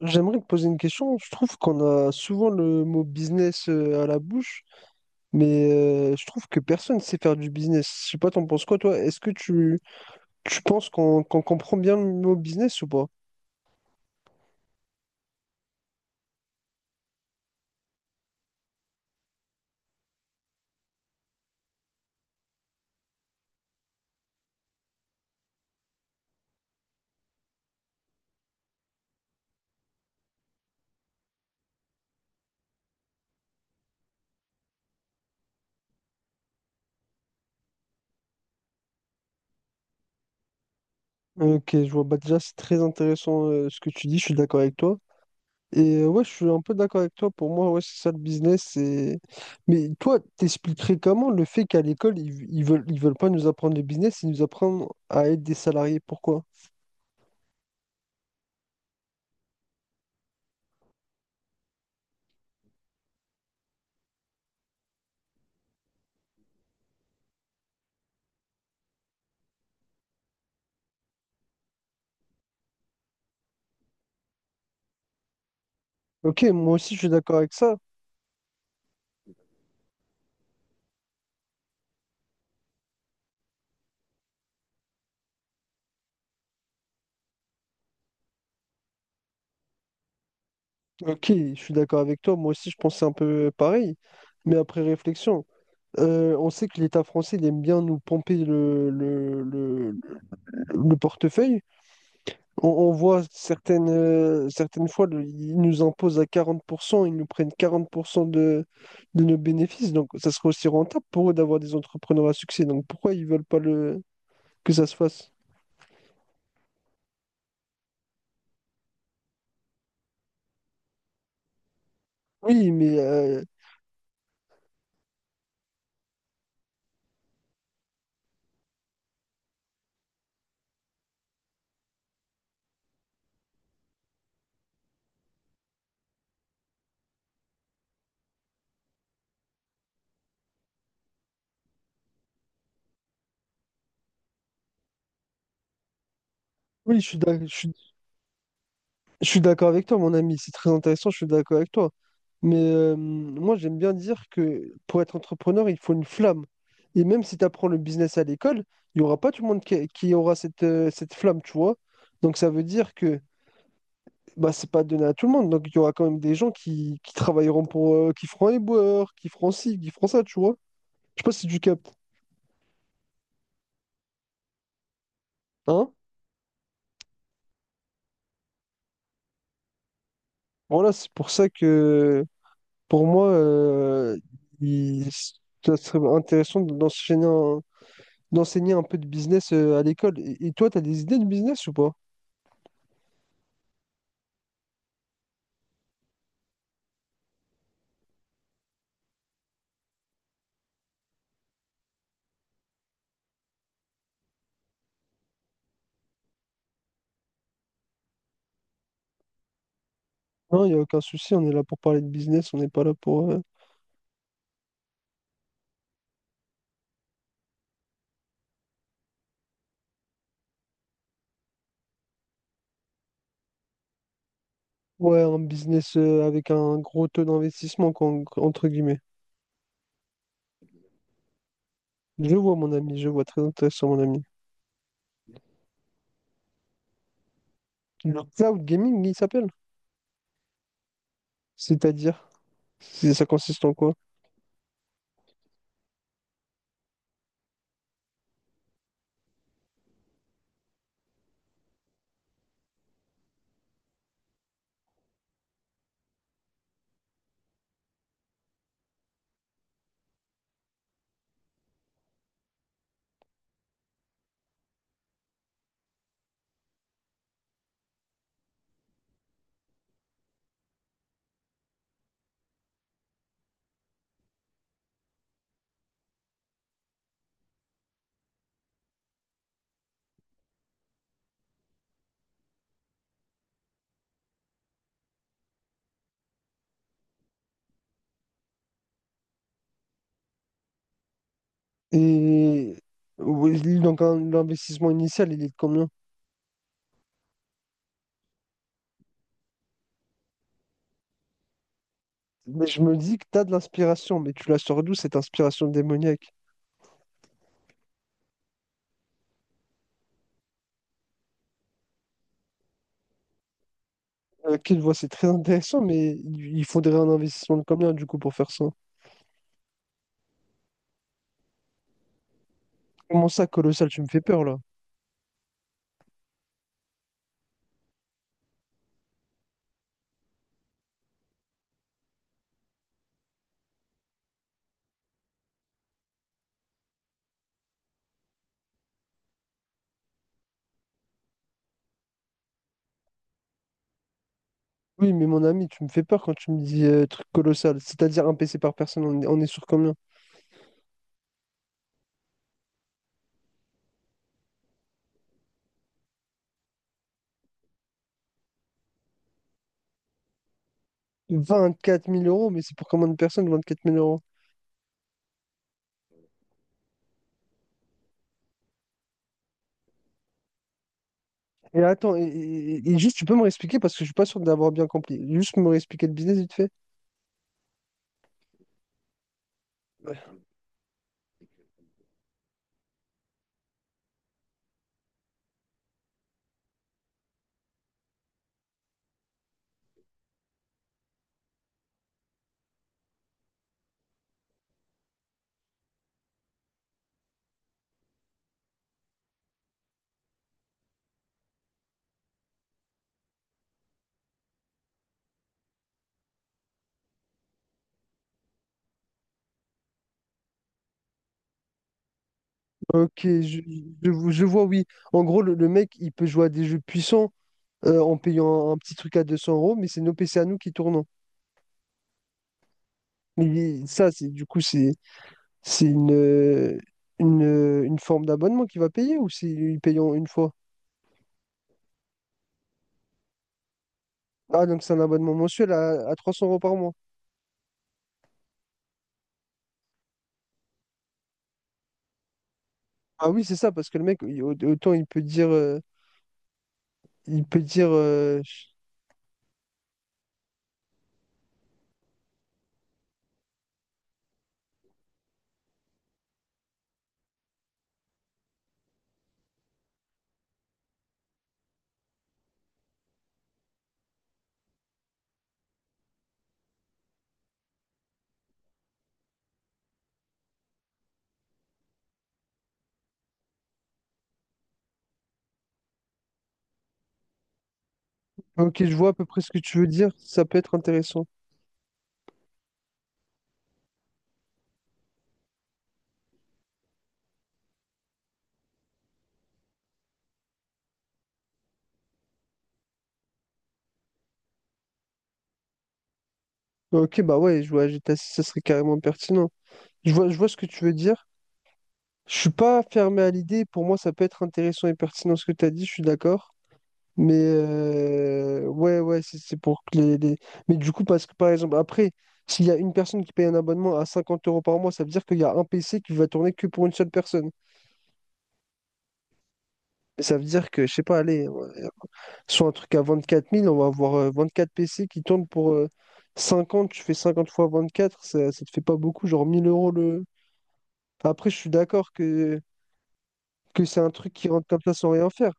J'aimerais te poser une question. Je trouve qu'on a souvent le mot business à la bouche, mais je trouve que personne sait faire du business. Je sais pas, t'en penses quoi, toi? Est-ce que tu penses qu'on comprend bien le mot business ou pas? Ok, je vois. Bah, déjà, c'est très intéressant ce que tu dis. Je suis d'accord avec toi. Et ouais, je suis un peu d'accord avec toi. Pour moi, ouais, c'est ça le business. Mais toi, t'expliquerais comment le fait qu'à l'école, ils veulent pas nous apprendre le business, ils nous apprennent à être des salariés. Pourquoi? Ok, moi aussi je suis d'accord avec ça. Ok, je suis d'accord avec toi. Moi aussi je pensais un peu pareil. Mais après réflexion, on sait que l'État français il aime bien nous pomper le portefeuille. On voit certaines fois, ils nous imposent à 40%, ils nous prennent 40% de nos bénéfices. Donc, ça serait aussi rentable pour eux d'avoir des entrepreneurs à succès. Donc, pourquoi ils veulent pas que ça se fasse? Oui, mais oui, je suis d'accord avec toi, mon ami. C'est très intéressant, je suis d'accord avec toi. Mais moi, j'aime bien dire que pour être entrepreneur, il faut une flamme. Et même si tu apprends le business à l'école, il n'y aura pas tout le monde qui aura cette flamme, tu vois. Donc, ça veut dire que bah, c'est pas donné à tout le monde. Donc, il y aura quand même des gens qui travailleront pour, qui feront les boueurs, qui feront ci, qui feront ça, tu vois. Je sais pas si tu captes, hein? Voilà, c'est pour ça que, pour moi, il- ça serait intéressant d'enseigner un peu de business à l'école. Et toi, t'as des idées de business ou pas? Non, il n'y a aucun souci, on est là pour parler de business, on n'est pas là pour, ouais, un business avec un gros taux d'investissement, quoi, entre guillemets. Je vois, mon ami, je vois, très intéressant, mon ami. Le cloud gaming, il s'appelle? C'est-à-dire? Ça consiste en quoi? Et oui, donc l'investissement initial, il est de combien? Mais je me dis que tu as de l'inspiration, mais tu la sors d'où cette inspiration démoniaque? Ok, je voix c'est très intéressant, mais il faudrait un investissement de combien du coup pour faire ça? Comment ça, colossal, tu me fais peur là? Oui, mais mon ami, tu me fais peur quand tu me dis truc colossal. C'est-à-dire un PC par personne, on est sur combien? Vingt-quatre mille euros, mais c'est pour combien de personnes, vingt-quatre mille euros? Et attends, et juste, tu peux me réexpliquer parce que je suis pas sûr d'avoir bien compris. Juste me réexpliquer le business vite fait. Ok, je vois, oui. En gros, le mec, il peut jouer à des jeux puissants en payant un petit truc à 200 euros, mais c'est nos PC à nous qui tournent. Mais ça, c'est du coup, c'est une forme d'abonnement qu'il va payer ou c'est il paye en une fois? Ah, donc c'est un abonnement mensuel à 300 € par mois. Ah oui, c'est ça, parce que le mec, autant il peut dire, ok, je vois à peu près ce que tu veux dire, ça peut être intéressant. Ok, bah ouais, jouer à GTA 6, ça serait carrément pertinent. Je vois ce que tu veux dire. Je suis pas fermé à l'idée. Pour moi, ça peut être intéressant et pertinent ce que tu as dit, je suis d'accord. Mais ouais, ouais, c'est pour que Mais du coup, parce que par exemple, après, s'il y a une personne qui paye un abonnement à 50 € par mois, ça veut dire qu'il y a un PC qui va tourner que pour une seule personne. Mais ça veut dire que, je sais pas, allez. Soit un truc à 24 000, on va avoir 24 PC qui tournent pour 50. Tu fais 50 fois 24, ça te fait pas beaucoup, genre 1 000 € le. Après, je suis d'accord que c'est un truc qui rentre comme ça sans rien faire.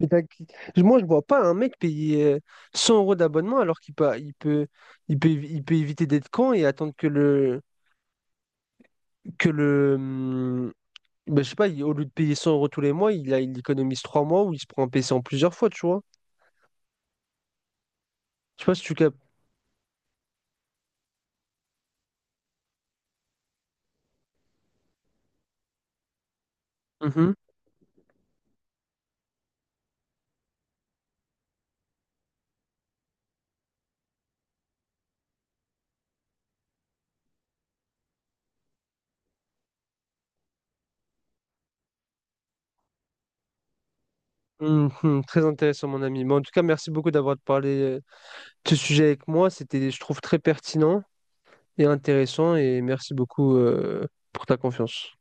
Mais t'as- Moi, je vois pas un mec payer 100 € d'abonnement alors qu'il peut éviter d'être con et attendre que le, ben, je sais pas, au lieu de payer 100 € tous les mois, il économise 3 mois ou il se prend un PC en plusieurs fois, tu vois. Je sais pas si tu captes. Mhm. Mhm. Très intéressant, mon ami. Mais en tout cas, merci beaucoup d'avoir parlé euh, de ce sujet avec moi. C'était, je trouve, très pertinent et intéressant. Et merci beaucoup, pour ta confiance.